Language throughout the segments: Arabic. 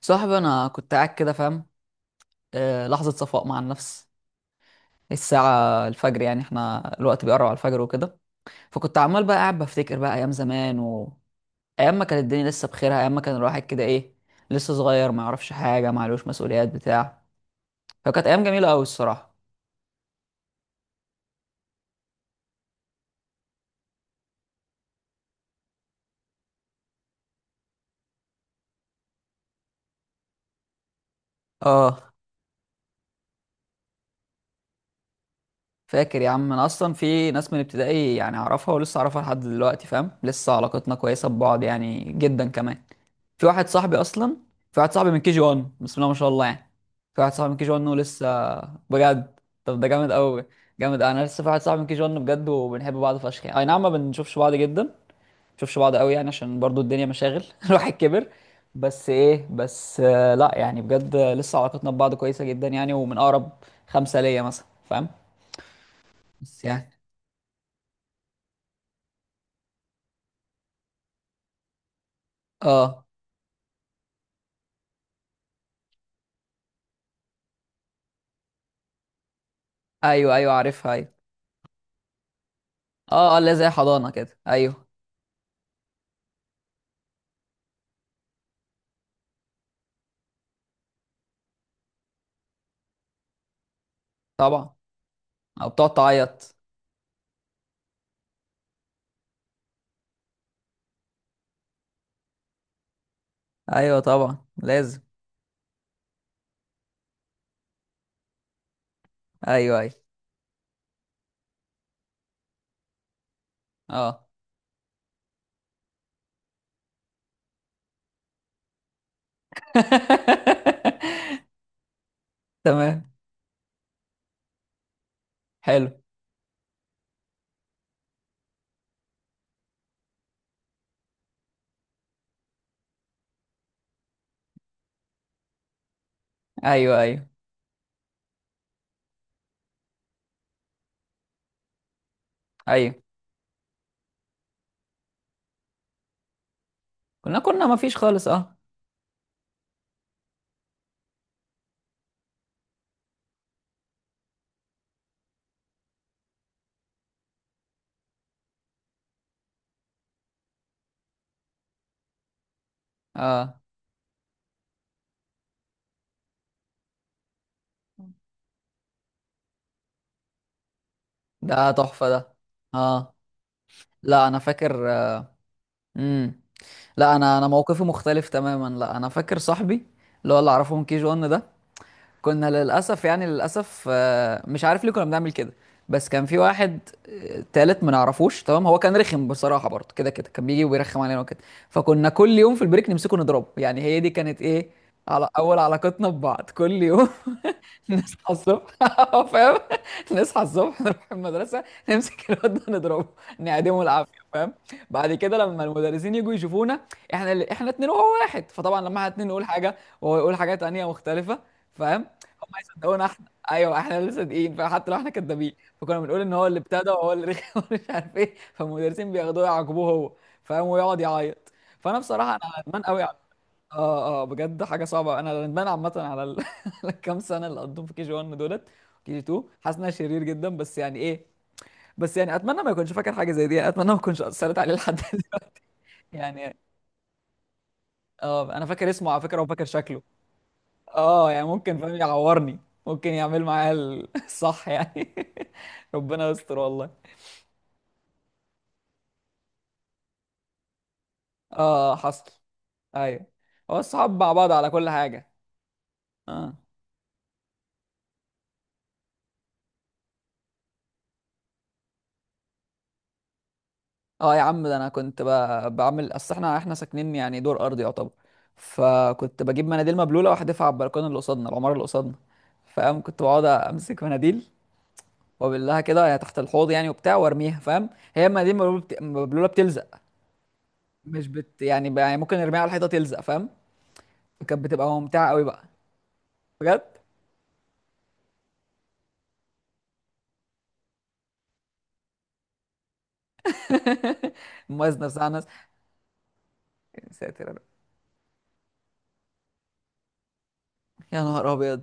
صاحبي انا كنت قاعد كده فاهم. لحظه صفاء مع النفس، الساعه الفجر، يعني احنا الوقت بيقرب على الفجر وكده. فكنت عمال بقى قاعد بفتكر بقى ايام زمان و ايام ما كانت الدنيا لسه بخيرها، ايام ما كان الواحد كده ايه، لسه صغير ما يعرفش حاجه ما عليهوش مسؤوليات بتاع. فكانت ايام جميله قوي الصراحه. اه فاكر يا عم، انا اصلا في ناس من ابتدائي يعني اعرفها ولسه اعرفها لحد دلوقتي، فاهم؟ لسه علاقتنا كويسه ببعض يعني، جدا كمان. في واحد صاحبي اصلا في واحد صاحبي من كي جي 1 بسم الله ما شاء الله يعني. في واحد صاحبي من كي جي 1 ولسه. بجد. طب ده جامد قوي. جامد، انا لسه في واحد صاحبي من كي جي 1 بجد وبنحب بعض فشخ يعني، اي نعم ما بنشوفش بعض جدا، ما بنشوفش بعض قوي، يعني عشان برضو الدنيا مشاغل، الواحد كبر. بس ايه، بس لا يعني بجد، لسه علاقتنا ببعض كويسة جدا يعني، ومن اقرب خمسة ليا مثلا، فاهم؟ بس يعني اه. ايوه ايوه عارفها ايوه. اه اه اللي هي زي حضانة كده، ايوه. طبعا. او بتقعد تعيط. ايوه طبعا لازم. ايوه ايوه اه. تمام. حلو. ايوه ايوه ايوه. كنا ما فيش خالص اه. اه ده تحفة ده. اه لا انا فاكر. امم. لا انا موقفي مختلف تماما، لا انا فاكر صاحبي اللي هو اللي اعرفه من كي جي 1 ده. كنا للأسف يعني للأسف، مش عارف ليه كنا بنعمل كده. بس كان في واحد تالت ما نعرفوش، تمام؟ هو كان رخم بصراحة برضه، كده كده كان بيجي ويرخم علينا وكده. فكنا كل يوم في البريك نمسكه نضربه، يعني هي دي كانت ايه على أول علاقتنا ببعض، كل يوم نصحى الصبح اه فاهم، نصحى الصبح نروح المدرسه نمسك الواد ده نضربه نعدمه العافيه فاهم. بعد كده لما المدرسين يجوا يشوفونا، احنا اللي احنا اتنين وهو واحد، فطبعا لما احنا اتنين نقول حاجه وهو يقول حاجه تانيه مختلفه، فاهم؟ هم هيصدقونا احنا، ايوه احنا اللي صادقين فحتى لو احنا كدابين. فكنا بنقول ان هو اللي ابتدى وهو اللي رخم ومش عارف ايه، فالمدرسين بياخدوه يعاقبوه هو فاهم ويقعد يعيط. فانا بصراحه انا ندمان قوي. اه اه بجد حاجه صعبه، انا ندمان عامه على على الكام سنه اللي قضيتهم في كي جي 1 دولت، كي جي 2 حاسس انها شرير جدا، بس يعني ايه. بس يعني اتمنى ما يكونش فاكر حاجه زي دي يعني، اتمنى ما اكونش اثرت عليه لحد دلوقتي يعني. اه انا فاكر اسمه على فكره وفاكر شكله. اه يعني ممكن فاهم يعورني، ممكن يعمل معايا الصح يعني ربنا يستر والله. اه حصل. ايوه. هو الصحاب مع بعض على كل حاجه. اه اه يا عم، ده انا كنت بعمل، اصل احنا ساكنين يعني دور ارضي يعتبر، فكنت بجيب مناديل مبلوله واحدفها على البلكونه اللي قصادنا، العماره اللي قصادنا، فاهم؟ كنت بقعد امسك مناديل وابلها كده يعني تحت الحوض يعني وبتاع وارميها فاهم، هي المناديل مبلوله مبلولة بتلزق، مش بت يعني, يعني ممكن نرميها على الحيطه تلزق، فاهم؟ كانت بتبقى ممتعه قوي بقى. بجد. المميز نفسها الناس. يا ساتر يا رب. يا نهار ابيض.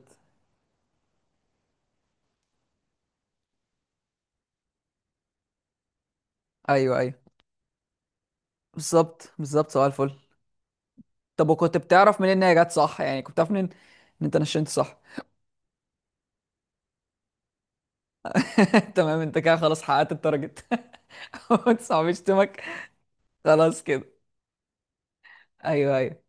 ايوه ايوه، بالظبط بالظبط، سؤال الفل. طب وكنت بتعرف منين ان هي جت صح يعني، كنت بتعرف منين ان انت نشنت صح؟ تمام، انت كده خلاص حققت التارجت. ما تصعب يشتمك. خلاص كده. ايوه ايوه.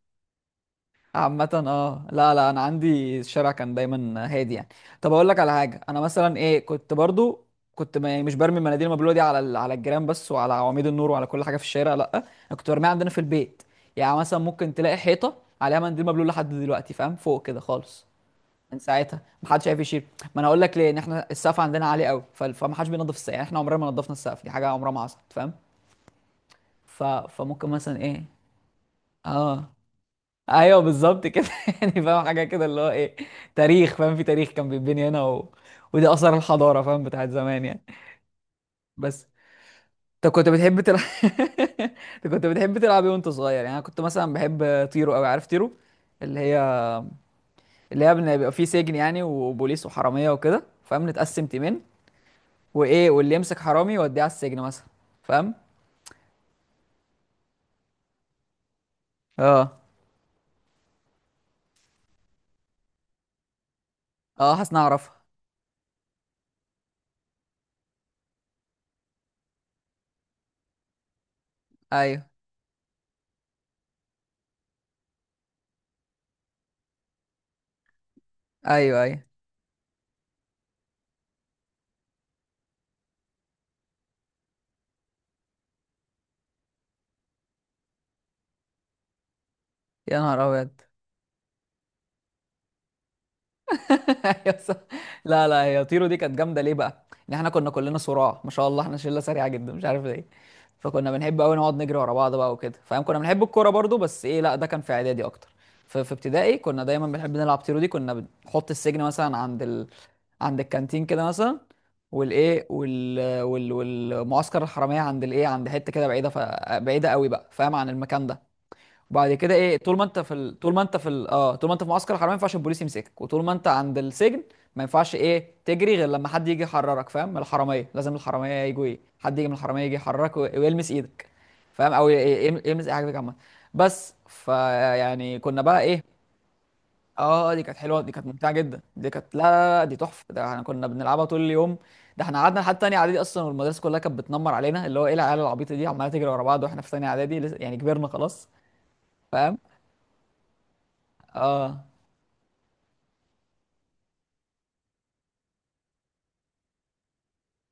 عامة اه لا لا انا عندي الشارع كان دايما هادي يعني. طب اقول لك على حاجة، انا مثلا ايه كنت برضو كنت، ما يعني مش برمي المناديل المبلولة دي على على الجيران بس، وعلى عواميد النور وعلى كل حاجة في الشارع، لا انا كنت برميها عندنا في البيت يعني. مثلا ممكن تلاقي حيطة عليها منديل مبلول لحد دلوقتي فاهم، فوق كده خالص، من ساعتها محدش عارف يشيل. ما انا اقول لك ليه، ان احنا السقف عندنا عالي قوي، فمحدش بينضف السقف يعني، احنا عمرنا ما نضفنا السقف، دي حاجة عمرها ما حصلت فاهم. فممكن مثلا ايه، اه ايوه بالظبط كده، يعني فاهم حاجه كده اللي هو ايه، تاريخ فاهم، في تاريخ كان بيتبني هنا ودي اثار الحضاره فاهم، بتاعت زمان يعني. بس. انت كنت بتحب تلعب انت كنت بتحب تلعب ايه وانت صغير؟ يعني انا كنت مثلا بحب طيرو قوي، عارف طيرو؟ اللي هي اللي هي بيبقى فيه سجن يعني، وبوليس وحراميه وكده فاهم، نتقسم تيمين، وايه واللي يمسك حرامي يوديه على السجن مثلا، فاهم؟ اه اه حاسس اني اعرفها. ايوه ايوه ايوه. يا نهار ابيض. أيوة صح. لا لا هي طيرو دي كانت جامده ليه بقى؟ ان احنا كنا كلنا صراع ما شاء الله، احنا شله سريعه جدا مش عارف ليه، فكنا بنحب قوي نقعد نجري ورا بعض بقى وكده فاهم. كنا بنحب الكوره برضو، بس ايه لا ده كان في اعدادي اكتر. في في ابتدائي كنا دايما بنحب نلعب طيرو دي، كنا بنحط السجن مثلا عند عند الكانتين كده مثلا، والايه والمعسكر الحراميه عند الايه، عند حته كده بعيده، بعيده قوي بقى فاهم عن المكان ده. بعد كده ايه، طول ما انت في ال... طول ما انت في ال... اه طول ما انت في معسكر الحراميه ما ينفعش البوليس يمسكك، وطول ما انت عند السجن ما ينفعش ايه تجري، غير لما حد يجي يحررك فاهم، من الحراميه، لازم الحراميه يجوا ايه، حد يجي من الحراميه يجي يحررك ويلمس ايدك فاهم، او يلمس اي حاجه فيك عامه. بس فيعني كنا بقى ايه. اه دي كانت حلوه، دي كانت ممتعه جدا، دي كانت لا لا لا، دي تحفه، ده احنا كنا بنلعبها طول اليوم. ده احنا قعدنا لحد تانية اعدادي اصلا، والمدرسه كلها كانت بتنمر علينا، اللي هو ايه العيال العبيطه دي عماله تجري ورا بعض واحنا في تانية اعدادي لسه- يعني كبرنا خلاص فاهم. اه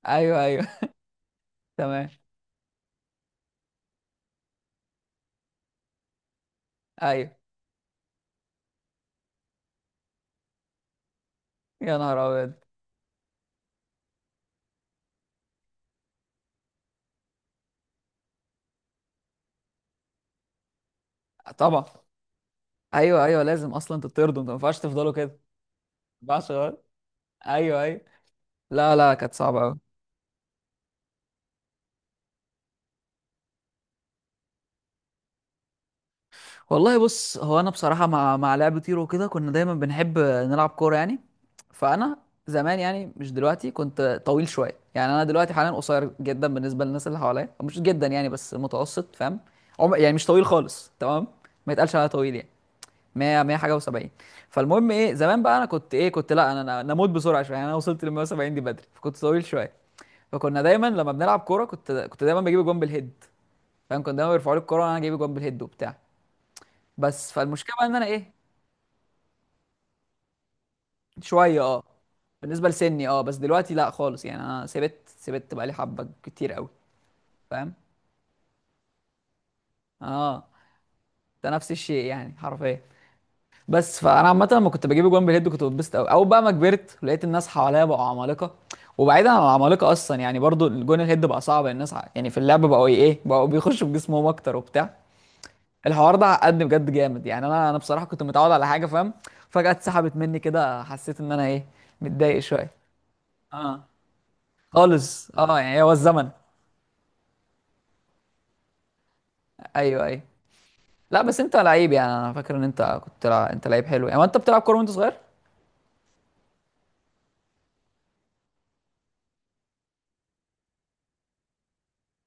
ايوه ايوه. تمام. ايوه. يا نهار ابيض. طبعا ايوه ايوه، لازم اصلا تطردوا، انت ما ينفعش تفضلوا كده. ما ينفعش غلط. ايوه ايوه. لا لا كانت صعبه قوي. والله بص، هو انا بصراحه مع مع لعب تيرو كده كنا دايما بنحب نلعب كوره يعني. فانا زمان يعني مش دلوقتي كنت طويل شويه يعني، انا دلوقتي حاليا قصير جدا بالنسبه للناس اللي حواليا، مش جدا يعني بس متوسط فاهم. يعني مش طويل خالص تمام، ما يتقالش عليا طويل يعني. 100 100 حاجه و70. فالمهم ايه، زمان بقى انا كنت ايه كنت، لا انا اموت بسرعه شويه يعني، انا وصلت لل 170 دي بدري، فكنت طويل شويه. فكنا دايما لما بنلعب كوره كنت دايما بجيب جون بالهيد فاهم، كنت دايما بيرفعوا لي الكوره وانا جايب جون بالهيد وبتاع. بس فالمشكله بقى ان انا ايه. شويه اه. بالنسبه لسني اه، بس دلوقتي لا خالص يعني، انا سبت سبت بقى لي حبه كتير قوي فاهم. اه ده نفس الشيء يعني حرفيا. بس فانا عامه لما كنت بجيب جوان بالهيد كنت بتبسط قوي، او بقى ما كبرت لقيت الناس حواليا بقوا عمالقه. وبعيدا عن العمالقه اصلا، يعني برضو الجون الهيد بقى صعب، الناس ع- يعني في اللعبه بقوا ايه، بقوا بيخشوا بجسمهم اكتر وبتاع. الحوار ده عقدني بجد جامد يعني، انا بصراحه كنت متعود على حاجه فاهم، فجاه اتسحبت مني كده، حسيت ان انا ايه متضايق شويه. اه خالص اه، يعني هو الزمن. ايوه ايوه. لا بس انت لعيب يعني، انا فاكر ان انت كنت انت لعيب حلو يعني، هو انت بتلعب كوره وانت صغير؟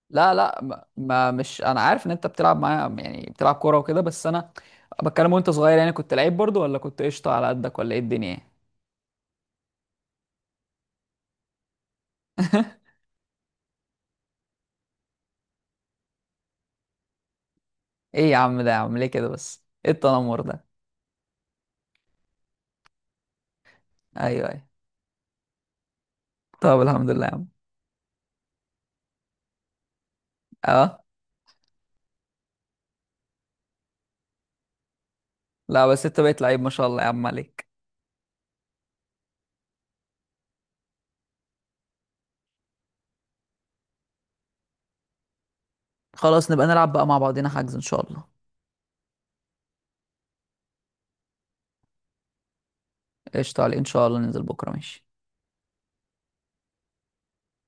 لا لا مش انا عارف ان انت بتلعب معايا يعني بتلعب كوره وكده، بس انا بتكلم وانت صغير يعني، كنت لعيب برضو ولا كنت قشطه على قدك ولا ايه الدنيا يعني؟ ايه يا عم، ده يا عم ليه كده، بس ايه التنمر ده. ايوه ايوه. طب الحمد لله يا عم. اه لا بس انت بقيت لعيب ما شاء الله يا عم عليك. خلاص نبقى نلعب بقى مع بعضنا، حجز ان شاء الله. قشطه عليك، ان شاء الله ننزل بكره، ماشي.